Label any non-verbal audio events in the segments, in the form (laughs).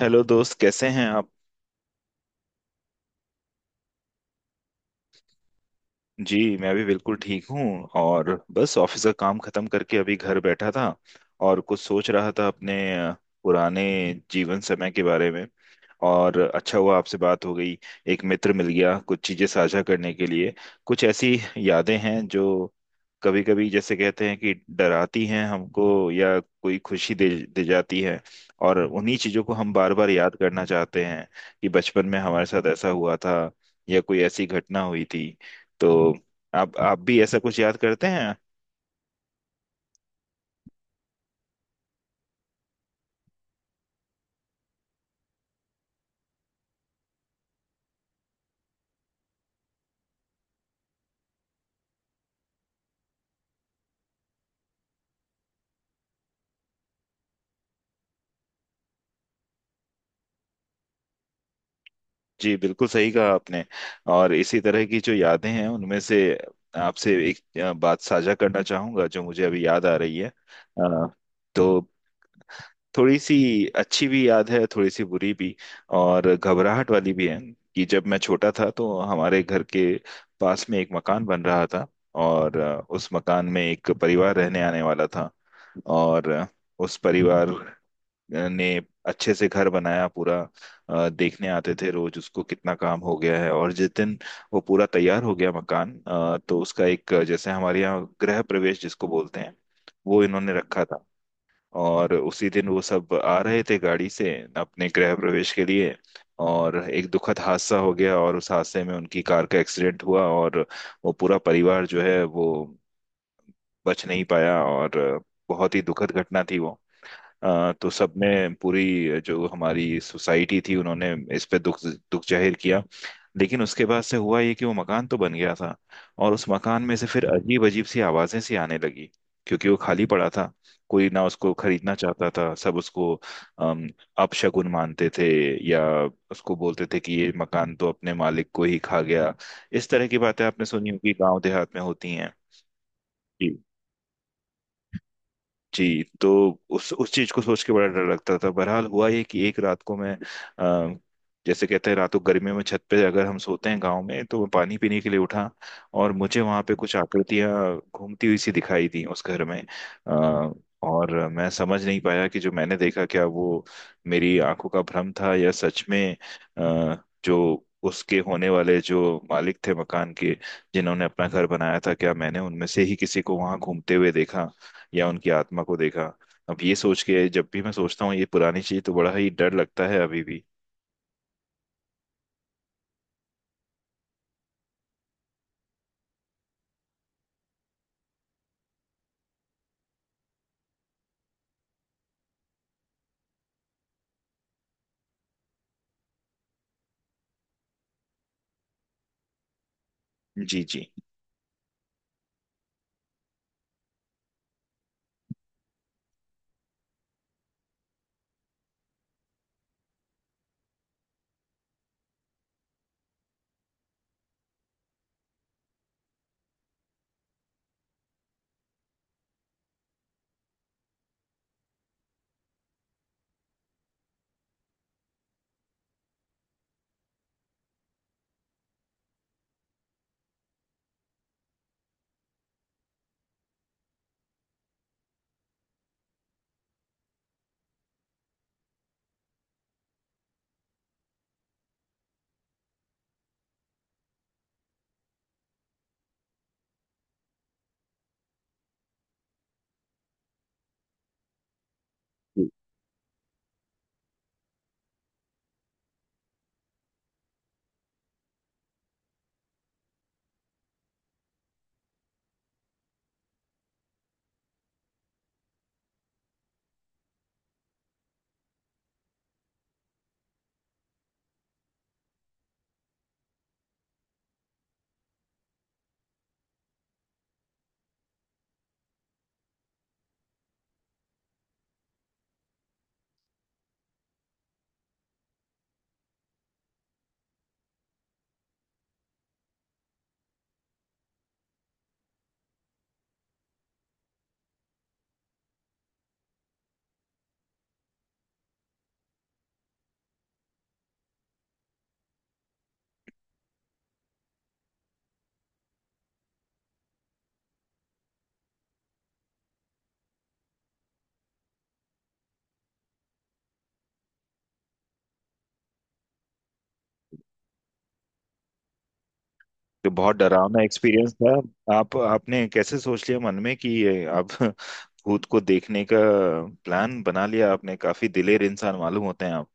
Hello दोस्त, कैसे हैं आप। जी मैं भी बिल्कुल ठीक हूँ। और बस ऑफिस का काम खत्म करके अभी घर बैठा था और कुछ सोच रहा था अपने पुराने जीवन समय के बारे में। और अच्छा हुआ आपसे बात हो गई, एक मित्र मिल गया कुछ चीजें साझा करने के लिए। कुछ ऐसी यादें हैं जो कभी कभी, जैसे कहते हैं, कि डराती हैं हमको या कोई खुशी दे दे जाती है। और उन्हीं चीजों को हम बार बार याद करना चाहते हैं कि बचपन में हमारे साथ ऐसा हुआ था या कोई ऐसी घटना हुई थी। तो आप भी ऐसा कुछ याद करते हैं। जी बिल्कुल सही कहा आपने। और इसी तरह की जो यादें हैं उनमें से आपसे एक बात साझा करना चाहूंगा जो मुझे अभी याद आ रही है। तो थोड़ी सी अच्छी भी याद है, थोड़ी सी बुरी भी, और घबराहट वाली भी है। कि जब मैं छोटा था तो हमारे घर के पास में एक मकान बन रहा था। और उस मकान में एक परिवार रहने आने वाला था। और उस परिवार ने अच्छे से घर बनाया पूरा। देखने आते थे रोज उसको कितना काम हो गया है। और जिस दिन वो पूरा तैयार हो गया मकान, तो उसका एक, जैसे हमारे यहाँ गृह प्रवेश जिसको बोलते हैं, वो इन्होंने रखा था। और उसी दिन वो सब आ रहे थे गाड़ी से अपने गृह प्रवेश के लिए। और एक दुखद हादसा हो गया और उस हादसे में उनकी कार का एक्सीडेंट हुआ और वो पूरा परिवार जो है वो बच नहीं पाया। और बहुत ही दुखद घटना थी वो। तो सबने, पूरी जो हमारी सोसाइटी थी, उन्होंने इस पे दुख दुख जाहिर किया। लेकिन उसके बाद से हुआ ये कि वो मकान तो बन गया था और उस मकान में से फिर अजीब अजीब सी आवाजें सी आने लगी। क्योंकि वो खाली पड़ा था, कोई ना उसको खरीदना चाहता था, सब उसको अम, अपशगुन मानते थे। या उसको बोलते थे कि ये मकान तो अपने मालिक को ही खा गया। इस तरह की बातें आपने सुनी होगी, गांव देहात में होती हैं। जी। तो उस चीज को सोच के बड़ा डर लगता था। बहरहाल हुआ ये कि एक रात को मैं, अ, जैसे कहते हैं रातों गर्मियों में छत पे अगर हम सोते हैं गांव में, तो मैं पानी पीने के लिए उठा। और मुझे वहां पे कुछ आकृतियां घूमती हुई सी दिखाई दी उस घर में। अ, और मैं समझ नहीं पाया कि जो मैंने देखा क्या वो मेरी आंखों का भ्रम था या सच में, अ, जो उसके होने वाले जो मालिक थे मकान के, जिन्होंने अपना घर बनाया था, क्या मैंने उनमें से ही किसी को वहां घूमते हुए देखा या उनकी आत्मा को देखा। अब ये सोच के, जब भी मैं सोचता हूँ ये पुरानी चीज, तो बड़ा ही डर लगता है अभी भी। जी जी जी। तो बहुत डरावना एक्सपीरियंस था। आप आपने कैसे सोच लिया मन में कि ये आप (laughs) भूत को देखने का प्लान बना लिया आपने। काफी दिलेर इंसान मालूम होते हैं आप।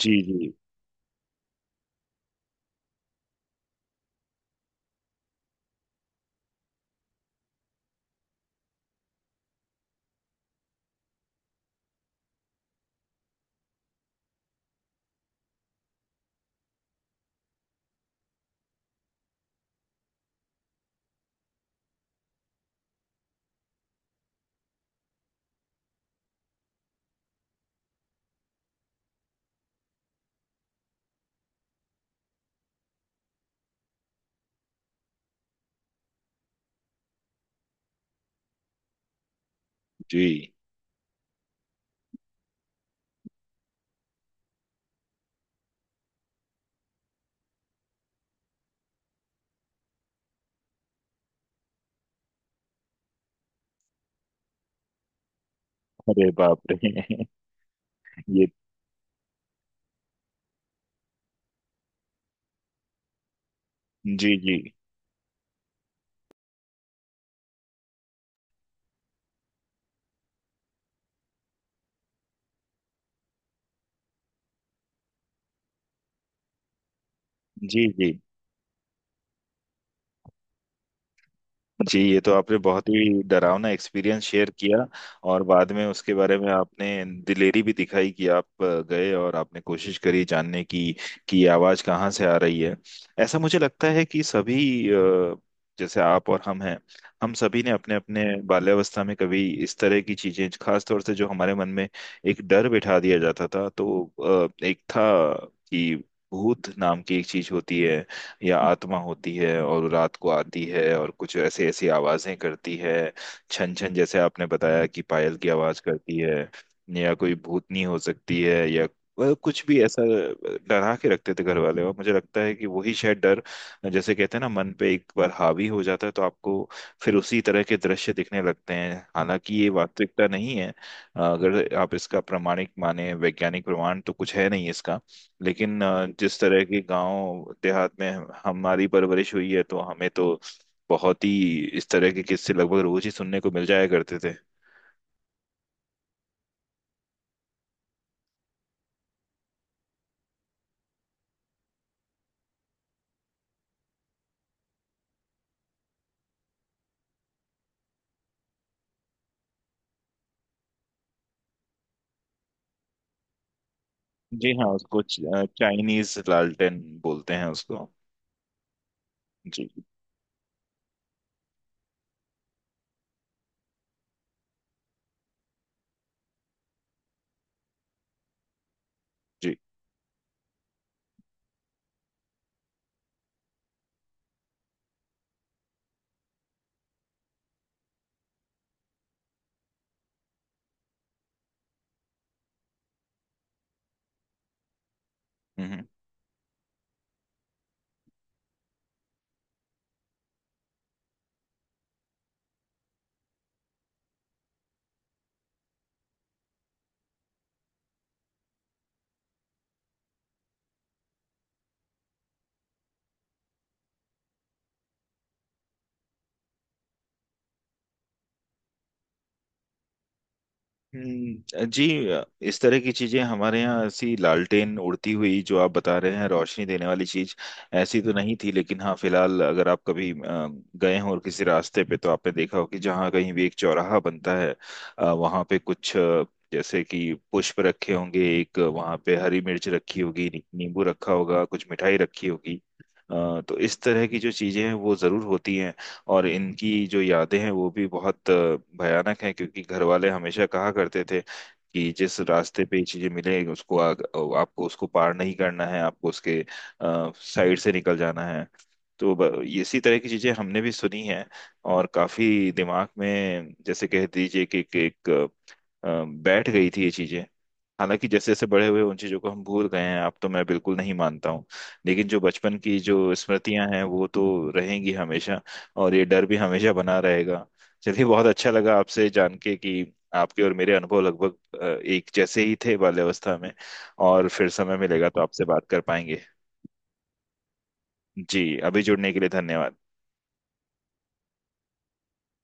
जी जी जी। अरे बाप रे। (laughs) ये जी जी जी जी जी, ये तो आपने बहुत ही डरावना एक्सपीरियंस शेयर किया। और बाद में उसके बारे में आपने दिलेरी भी दिखाई कि आप गए और आपने कोशिश करी जानने की कि ये आवाज़ कहाँ से आ रही है। ऐसा मुझे लगता है कि सभी, जैसे आप और हम हैं, हम सभी ने अपने अपने बाल्यावस्था में कभी इस तरह की चीजें, खास तौर से जो हमारे मन में एक डर बिठा दिया जाता था, तो एक था कि भूत नाम की एक चीज होती है या आत्मा होती है और रात को आती है और कुछ ऐसे ऐसी आवाजें करती है। छन छन, जैसे आपने बताया कि पायल की आवाज करती है, या कोई भूतनी हो सकती है, या वह कुछ भी ऐसा डरा के रखते थे घर वाले। और मुझे लगता है कि वही शायद डर, जैसे कहते हैं ना, मन पे एक बार हावी हो जाता है तो आपको फिर उसी तरह के दृश्य दिखने लगते हैं। हालांकि ये वास्तविकता नहीं है। अगर आप इसका प्रमाणिक माने, वैज्ञानिक प्रमाण तो कुछ है नहीं इसका। लेकिन जिस तरह के गांव देहात में हमारी परवरिश हुई है तो हमें तो बहुत ही इस तरह के किस्से लगभग रोज ही सुनने को मिल जाया करते थे। जी हाँ, उसको चाइनीज लालटेन बोलते हैं उसको। जी जी। हम्म हम्म। जी। इस तरह की चीजें हमारे यहाँ, ऐसी लालटेन उड़ती हुई जो आप बता रहे हैं रोशनी देने वाली चीज, ऐसी तो नहीं थी। लेकिन हाँ, फिलहाल अगर आप कभी गए हो और किसी रास्ते पे, तो आपने देखा हो कि जहाँ कहीं भी एक चौराहा बनता है, वहाँ पे कुछ, जैसे कि पुष्प रखे होंगे, एक वहाँ पे हरी मिर्च रखी होगी, नींबू रखा होगा, कुछ मिठाई रखी होगी। तो इस तरह की जो चीजें हैं वो जरूर होती हैं। और इनकी जो यादें हैं वो भी बहुत भयानक हैं। क्योंकि घर वाले हमेशा कहा करते थे कि जिस रास्ते पे ये चीजें मिले उसको आपको उसको पार नहीं करना है, आपको उसके साइड से निकल जाना है। तो इसी तरह की चीजें हमने भी सुनी हैं। और काफी दिमाग में, जैसे कह दीजिए कि एक बैठ गई थी ये चीजें। हालांकि जैसे जैसे बड़े हुए उन चीजों को हम भूल गए हैं, अब तो मैं बिल्कुल नहीं मानता हूँ। लेकिन जो बचपन की जो स्मृतियां हैं वो तो रहेंगी हमेशा, और ये डर भी हमेशा बना रहेगा। चलिए, बहुत अच्छा लगा आपसे जान के कि आपके और मेरे अनुभव लगभग एक जैसे ही थे बाल्यावस्था में। और फिर समय मिलेगा तो आपसे बात कर पाएंगे। जी, अभी जुड़ने के लिए धन्यवाद।